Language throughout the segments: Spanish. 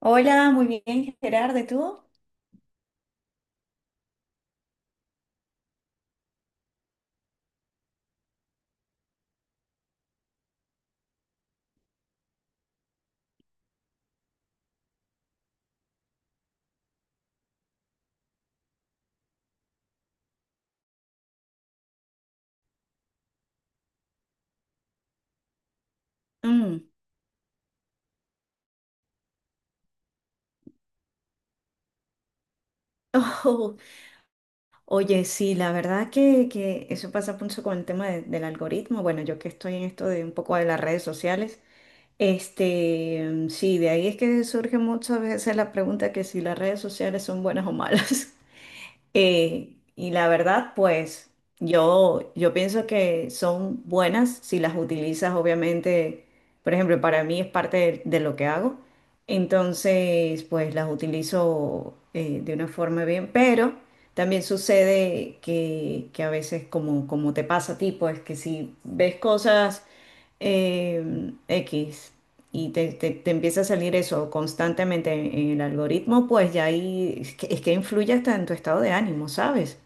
Hola, muy bien, Gerardo, ¿y tú? Mm. Oh, oye, sí, la verdad que eso pasa mucho con el tema del algoritmo. Bueno, yo que estoy en esto de un poco de las redes sociales, este, sí, de ahí es que surge muchas veces la pregunta que si las redes sociales son buenas o malas. Y la verdad, pues yo pienso que son buenas si las utilizas, obviamente, por ejemplo, para mí es parte de lo que hago, entonces, pues las utilizo de una forma bien, pero también sucede que a veces, como te pasa a ti, pues que si ves cosas eh, X y te empieza a salir eso constantemente en el algoritmo, pues ya ahí es que influye hasta en tu estado de ánimo, ¿sabes?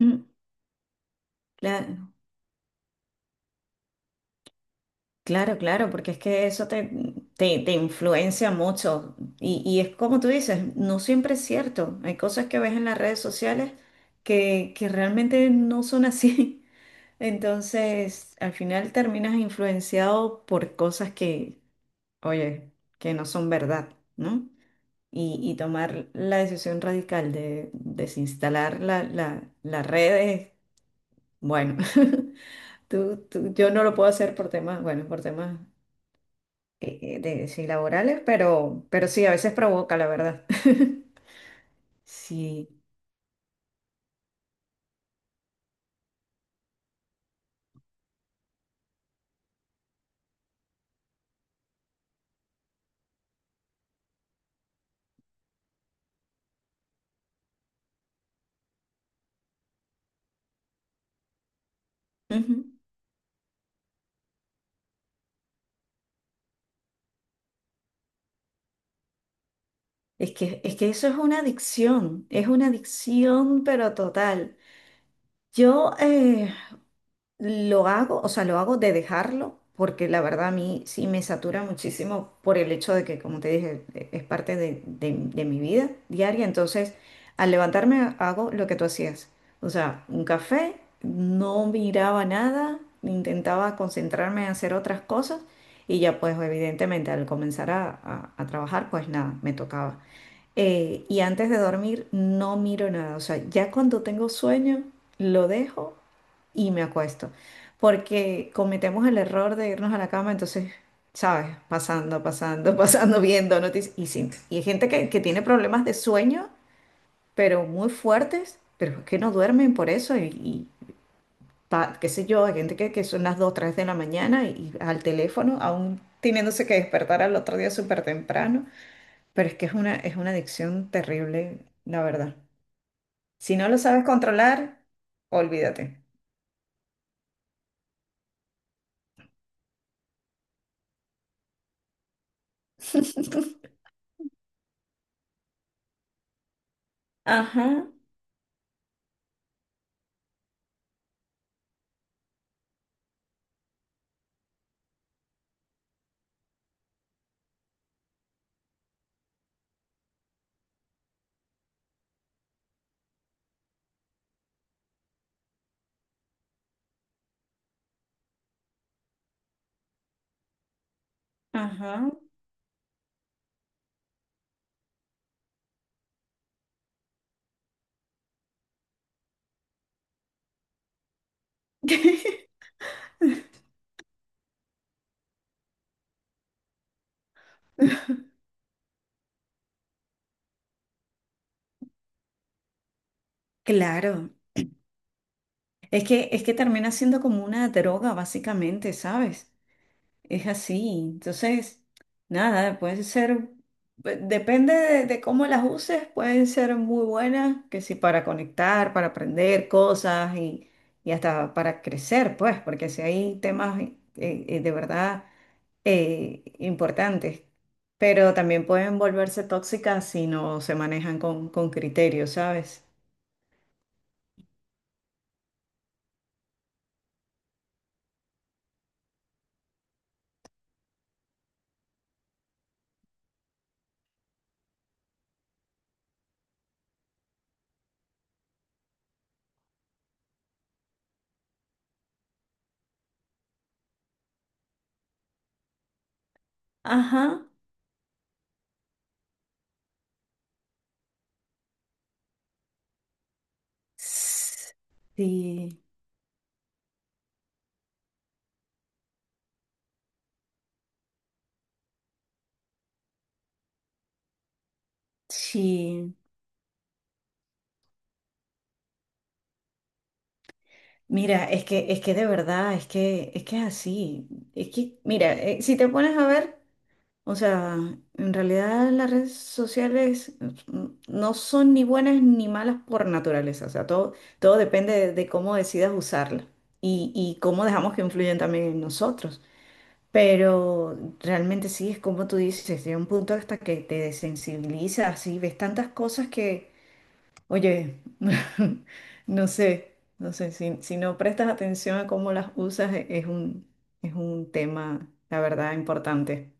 Mm, cla- Claro, claro, porque es que eso te influencia mucho. Y es como tú dices, no siempre es cierto. Hay cosas que ves en las redes sociales que realmente no son así. Entonces, al final terminas influenciado por cosas que, oye, que no son verdad, ¿no? Y tomar la decisión radical de desinstalar la red es, bueno, yo no lo puedo hacer por temas, bueno, por temas de, sí, laborales, pero sí, a veces provoca, la verdad. Sí. Ujú. Es que eso es una adicción, pero total. Yo, eh, Lo hago, o sea, lo hago de dejarlo, porque la verdad a mí sí me satura muchísimo por el hecho de que, como te dije, es parte de mi vida diaria. Entonces, al levantarme hago lo que tú hacías. O sea, un café, no miraba nada, intentaba concentrarme en hacer otras cosas y ya pues evidentemente al comenzar a trabajar, pues nada, me tocaba. Y antes de dormir no miro nada. O sea, ya cuando tengo sueño, lo dejo y me acuesto. Porque cometemos el error de irnos a la cama, entonces, ¿sabes? Pasando, pasando, pasando, viendo noticias. Sí, y hay gente que tiene problemas de sueño, pero muy fuertes, pero es que no duermen por eso. Y qué sé yo, hay gente que son las 2 3 de la mañana y al teléfono, aún teniéndose que despertar al otro día súper temprano. Pero es que es una adicción terrible, la verdad. Si no lo sabes controlar, olvídate. Ajá, ajá. Claro, es que termina siendo como una droga, básicamente, ¿sabes? Es así. Entonces, nada, pueden ser, depende de cómo las uses, pueden ser muy buenas, que si para conectar, para aprender cosas y hasta para crecer, pues, porque si hay temas de verdad importantes, pero también pueden volverse tóxicas si no se manejan con criterio, ¿sabes? Ajá. Sí, sí. Mira, es que de verdad, es que es así. Es que, mira, si te pones a ver, o sea, en realidad las redes sociales no son ni buenas ni malas por naturaleza. O sea, todo depende de cómo decidas usarla y cómo dejamos que influyan también en nosotros. Pero realmente sí, es como tú dices, llega un punto hasta que te desensibilizas y ves tantas cosas que, oye, no sé, si no prestas atención a cómo las usas, es un tema, la verdad, importante.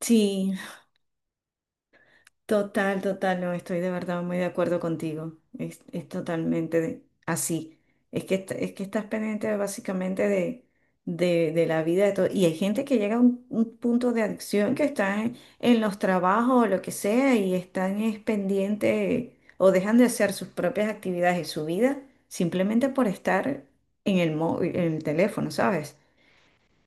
Sí, total, total, no, estoy de verdad muy de acuerdo contigo. Es totalmente así. Es que, es que estás pendiente básicamente de la vida de todo. Y hay gente que llega a un punto de adicción que está en los trabajos o lo que sea y están es pendiente o dejan de hacer sus propias actividades y su vida simplemente por estar en el teléfono, ¿sabes?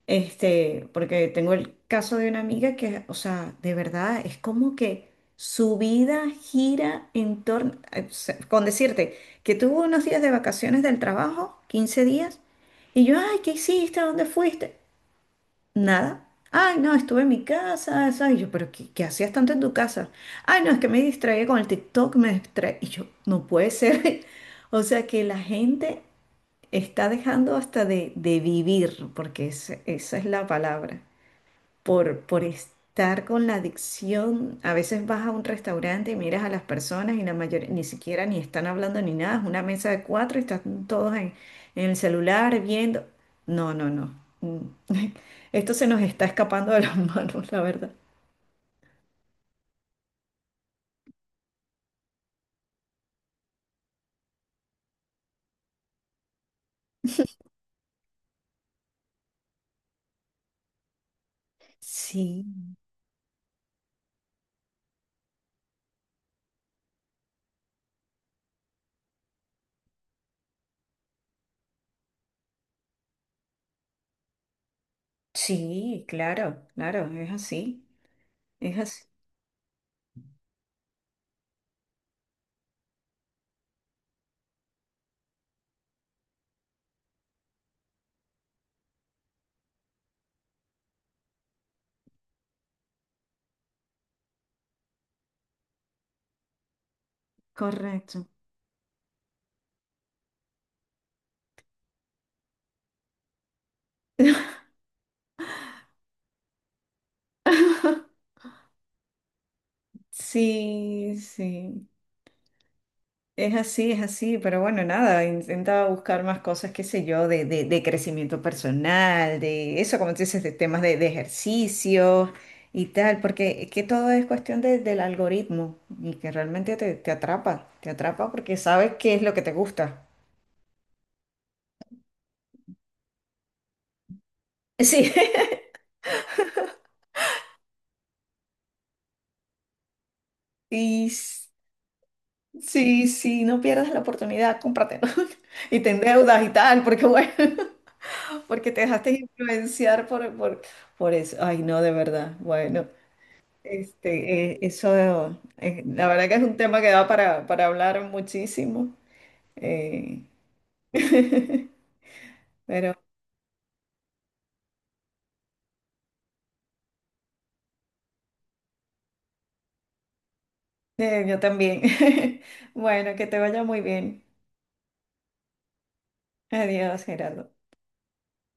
Este, porque tengo el caso de una amiga que, o sea, de verdad es como que su vida gira en torno, con decirte que tuvo unos días de vacaciones del trabajo, 15 días, y yo, ay, ¿qué hiciste? ¿A ¿Dónde fuiste? Nada. Ay, no, estuve en mi casa, eso. Y yo, pero ¿qué hacías tanto en tu casa? Ay, no, es que me distraía con el TikTok, me distraía. Y yo, no puede ser. O sea, que la gente está dejando hasta de vivir, porque esa es la palabra, por estar con la adicción. A veces vas a un restaurante y miras a las personas y la mayoría ni siquiera ni están hablando ni nada, es una mesa de cuatro y están todos en el celular viendo. No, no, no. Mm. Esto se nos está escapando de las manos, la verdad. Sí, sí, claro, claro, es así, correcto. Sí, sí. Es así, pero bueno, nada, intenta buscar más cosas, qué sé yo, de crecimiento personal, de eso, como tú dices, de temas de ejercicio y tal, porque es que todo es cuestión del algoritmo y que realmente te atrapa, te atrapa porque sabes qué es lo que te gusta. Sí, y s- sí, sí, no pierdas la oportunidad, cómpratelo y te endeudas y tal, porque bueno, porque te dejaste influenciar por eso. Ay, no, de verdad, bueno. Este, eso, la verdad que es un tema que da para hablar muchísimo. eh, pero yo también. Bueno, que te vaya muy bien. Adiós, Gerardo.